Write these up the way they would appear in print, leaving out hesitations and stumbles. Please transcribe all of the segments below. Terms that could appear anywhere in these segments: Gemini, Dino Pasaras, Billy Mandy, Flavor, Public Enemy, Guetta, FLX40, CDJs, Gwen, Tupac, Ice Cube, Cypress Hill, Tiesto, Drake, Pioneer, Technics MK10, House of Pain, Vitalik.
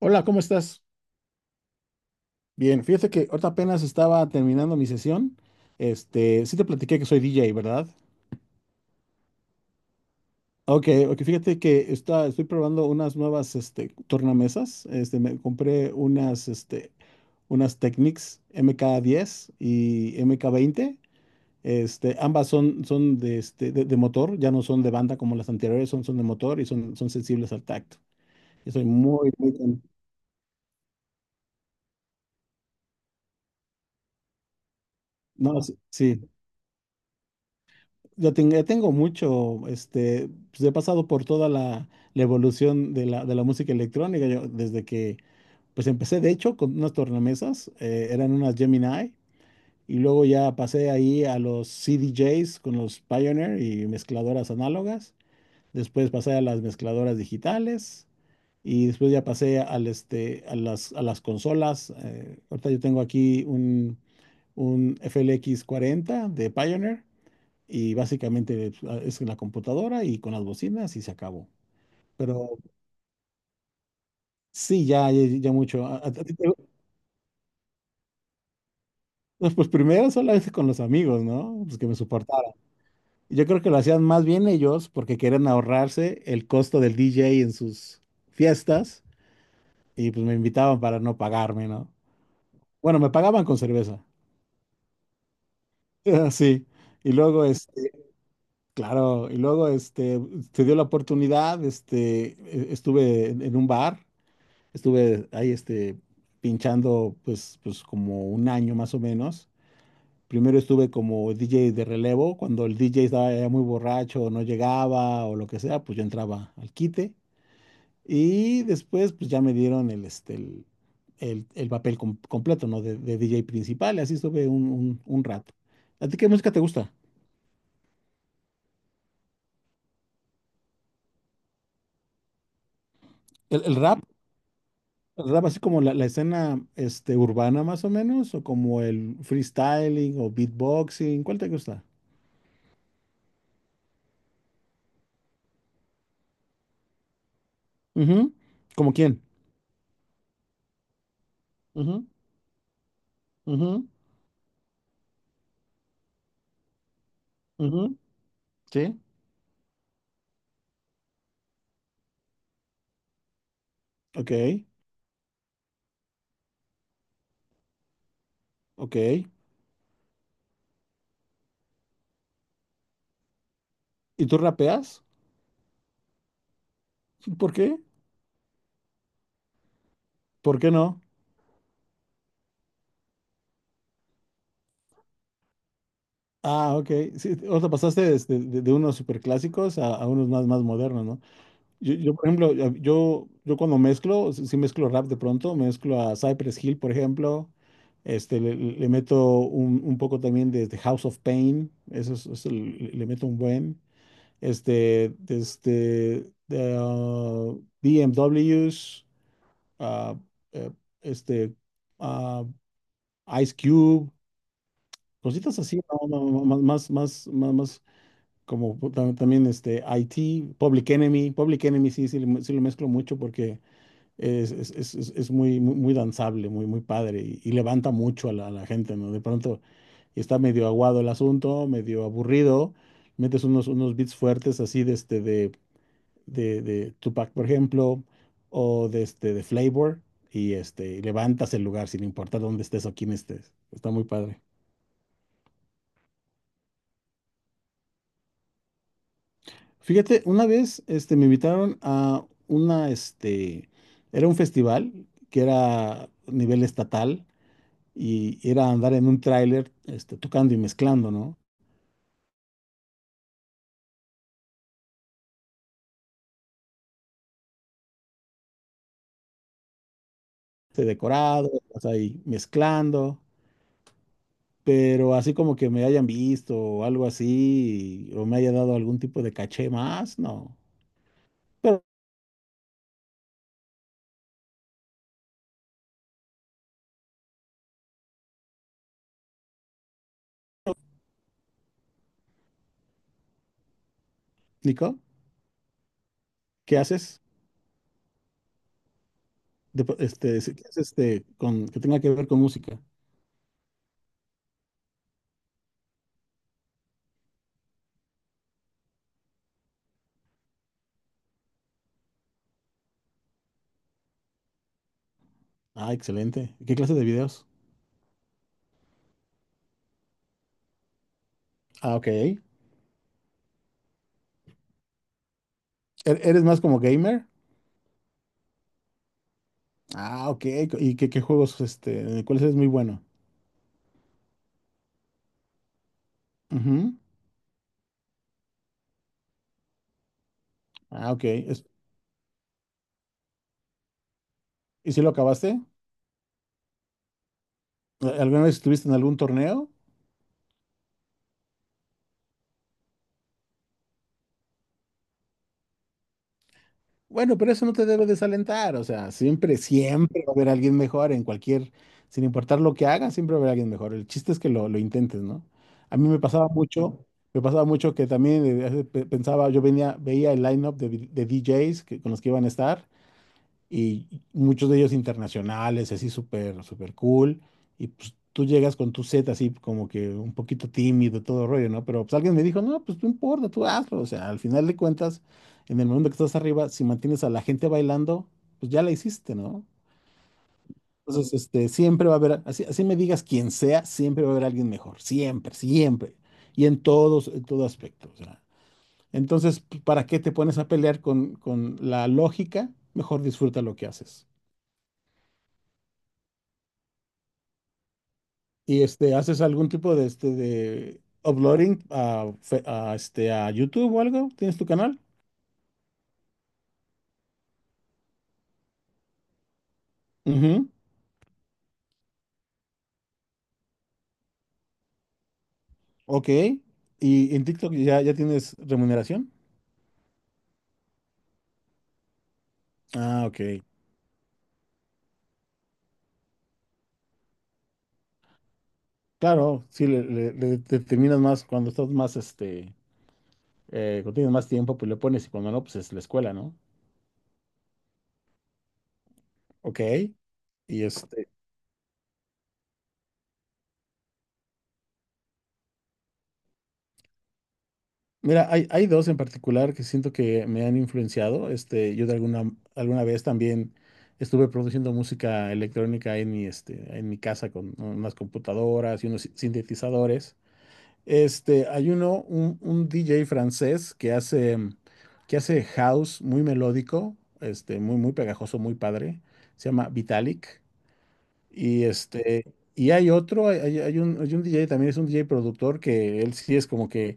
Hola, ¿cómo estás? Bien, fíjate que ahorita apenas estaba terminando mi sesión. Sí te platiqué que soy DJ, ¿verdad? Ok, ok, fíjate que estoy probando unas nuevas, tornamesas. Me compré unas Technics MK10 y MK20. Ambas son de, de motor, ya no son de banda como las anteriores, son de motor y son sensibles al tacto. Yo soy muy, muy. No, sí, sí. Ya tengo mucho, pues he pasado por toda la evolución de la música electrónica, yo, desde que, pues empecé de hecho con unas tornamesas, eran unas Gemini, y luego ya pasé ahí a los CDJs con los Pioneer y mezcladoras análogas, después pasé a las mezcladoras digitales, y después ya pasé al, este, a las consolas, ahorita yo tengo aquí un FLX40 de Pioneer, y básicamente pues, es en la computadora y con las bocinas y se acabó. Pero sí, ya, ya, ya mucho. No, pues primero solamente con los amigos, ¿no? Pues que me soportaran. Yo creo que lo hacían más bien ellos porque querían ahorrarse el costo del DJ en sus fiestas y pues me invitaban para no pagarme, ¿no? Bueno, me pagaban con cerveza. Sí. Y luego, claro, se dio la oportunidad, estuve en un bar. Estuve ahí, pinchando pues, como un año más o menos. Primero estuve como DJ de relevo, cuando el DJ estaba ya muy borracho, no llegaba o lo que sea, pues yo entraba al quite. Y después pues ya me dieron el, este, el papel completo, ¿no? De DJ principal, y así estuve un rato. ¿A ti qué música te gusta? ¿El rap? ¿El rap así como la escena urbana más o menos? ¿O como el freestyling o beatboxing? ¿Cuál te gusta? Ujú. ¿Como quién? Ujú, ujú, ujú. Sí. Ok, ok. ¿Y tú rapeas? ¿Por qué? ¿Por qué no? Ah, ok. Sí, o sea, pasaste de unos superclásicos a unos más modernos, ¿no? Yo, por ejemplo, yo cuando mezclo, sí mezclo rap de pronto, mezclo a Cypress Hill, por ejemplo. Le le- le meto un poco también de House of Pain, eso le meto un buen. Este, desde de, ah, BMWs, ah, eh, este, ah, Ice Cube, cositas así, ¿no? No, no, más, más, más, más, como también IT, Public Enemy sí, sí lo mezclo mucho porque es muy, muy, muy danzable, muy, muy padre y levanta mucho a la gente, ¿no? De pronto está medio aguado el asunto, medio aburrido, metes unos beats fuertes así de Tupac, por ejemplo, o de Flavor, y levantas el lugar sin importar dónde estés o quién estés. Está muy padre. Fíjate, una vez, me invitaron, era un festival que era a nivel estatal y era andar en un tráiler, tocando y mezclando, ¿no? Decorado, o sea, y mezclando, pero así como que me hayan visto o algo así, o me haya dado algún tipo de caché más, no. Pero, Nico. ¿Qué haces? ¿Qué haces, que tenga que ver con música? Ah, excelente. ¿Qué clase de videos? Ah, ok. ¿Eres más como gamer? Ah, ok. ¿Y qué juegos, en cuáles eres muy bueno? Ujú. Ah, ok. ¿Y si lo acabaste? ¿Alguna vez estuviste en algún torneo? Bueno, pero eso no te debe desalentar, o sea, siempre, siempre va a haber alguien mejor en cualquier, sin importar lo que hagas, siempre va a haber alguien mejor. El chiste es que lo intentes, ¿no? A mí me pasaba mucho que también pensaba, yo veía el lineup de DJs con los que iban a estar y muchos de ellos internacionales, así súper, súper cool, y pues tú llegas con tu set así como que un poquito tímido, todo rollo, ¿no? Pero pues alguien me dijo, no, pues no importa, tú hazlo, o sea, al final de cuentas, en el momento que estás arriba, si mantienes a la gente bailando, pues ya la hiciste, ¿no? Entonces, siempre va a haber, así, así me digas quién sea, siempre va a haber alguien mejor, siempre, siempre, y en todo aspecto, o sea. Entonces, ¿para qué te pones a pelear con la lógica? Mejor disfruta lo que haces. Y ¿haces algún tipo de uploading a, Fe- a, este, a YouTube o algo? ¿Tienes tu canal? Ujú. Ok. ¿Y en TikTok ya tienes remuneración? Ah, ok. Claro, sí, le determinas más cuando estás más, cuando tienes más tiempo, pues le pones y cuando no, pues es la escuela, ¿no? Ok. Y este, Mira, hay dos en particular que siento que me han influenciado. Yo de alguna vez también estuve produciendo música electrónica en mi casa con unas computadoras y unos sintetizadores. Hay un DJ francés que hace house muy melódico, muy, muy pegajoso, muy padre. Se llama Vitalik. Y este, y hay otro, hay- hay un DJ, también es un DJ productor que él sí es como que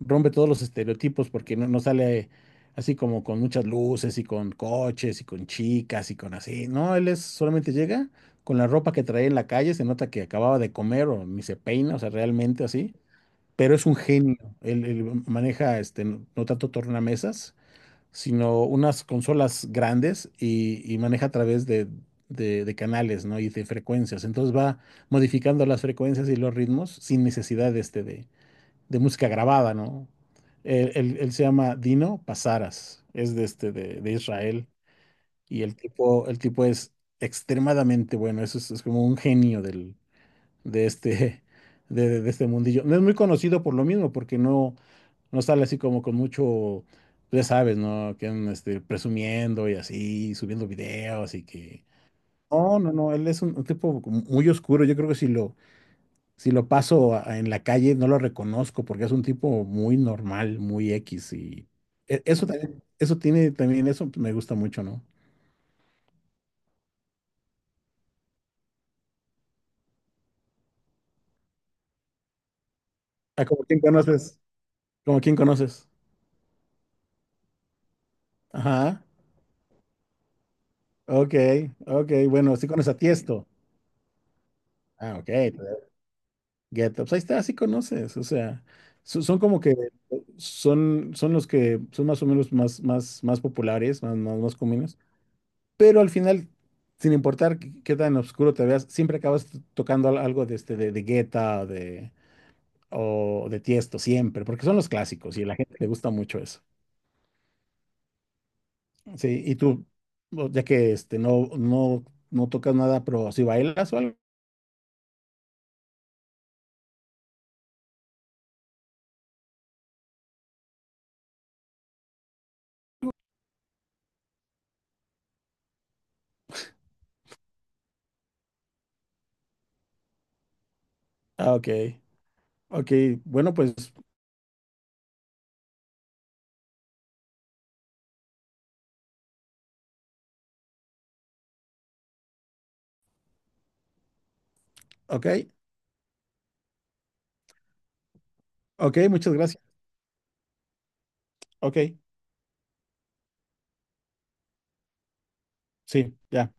rompe todos los estereotipos porque no sale así como con muchas luces y con coches y con chicas y con así. No, él es solamente llega con la ropa que trae en la calle, se nota que acababa de comer o ni se peina, o sea, realmente así. Pero es un genio. Él maneja, no, no tanto tornamesas sino unas consolas grandes y maneja a través de canales, ¿no? Y de frecuencias. Entonces va modificando las frecuencias y los ritmos sin necesidad de música grabada, ¿no? Él se llama Dino Pasaras, es de Israel, y el tipo es extremadamente bueno, es como un genio de este, de este mundillo. No es muy conocido por lo mismo, porque no. No sale así como con mucho, ya sabes, ¿no? Que andan presumiendo y así, subiendo videos y que. No, no, no, él es un tipo como muy oscuro. Yo creo que si lo paso en la calle no lo reconozco porque es un tipo muy normal, muy X, y eso también, eso me gusta mucho, ¿no? Ah, como quién conoces, como quién conoces. Ajá, ok, ok, bueno, sí conoces a Tiesto. Ah, ok, Get Up. Ahí está, sí conoces, o sea, so- son como que son los que son más o menos, más, más, más populares, más, más, más comunes, pero al final, sin importar qué tan oscuro te veas, siempre acabas tocando algo de Guetta o o de Tiesto, siempre, porque son los clásicos y a la gente le gusta mucho eso. Sí, y tú, ya que no, no, no tocas nada, pero si bailas o algo. Ah, ok, ok, bueno, pues, ok, ok, muchas gracias, ok, sí, ya.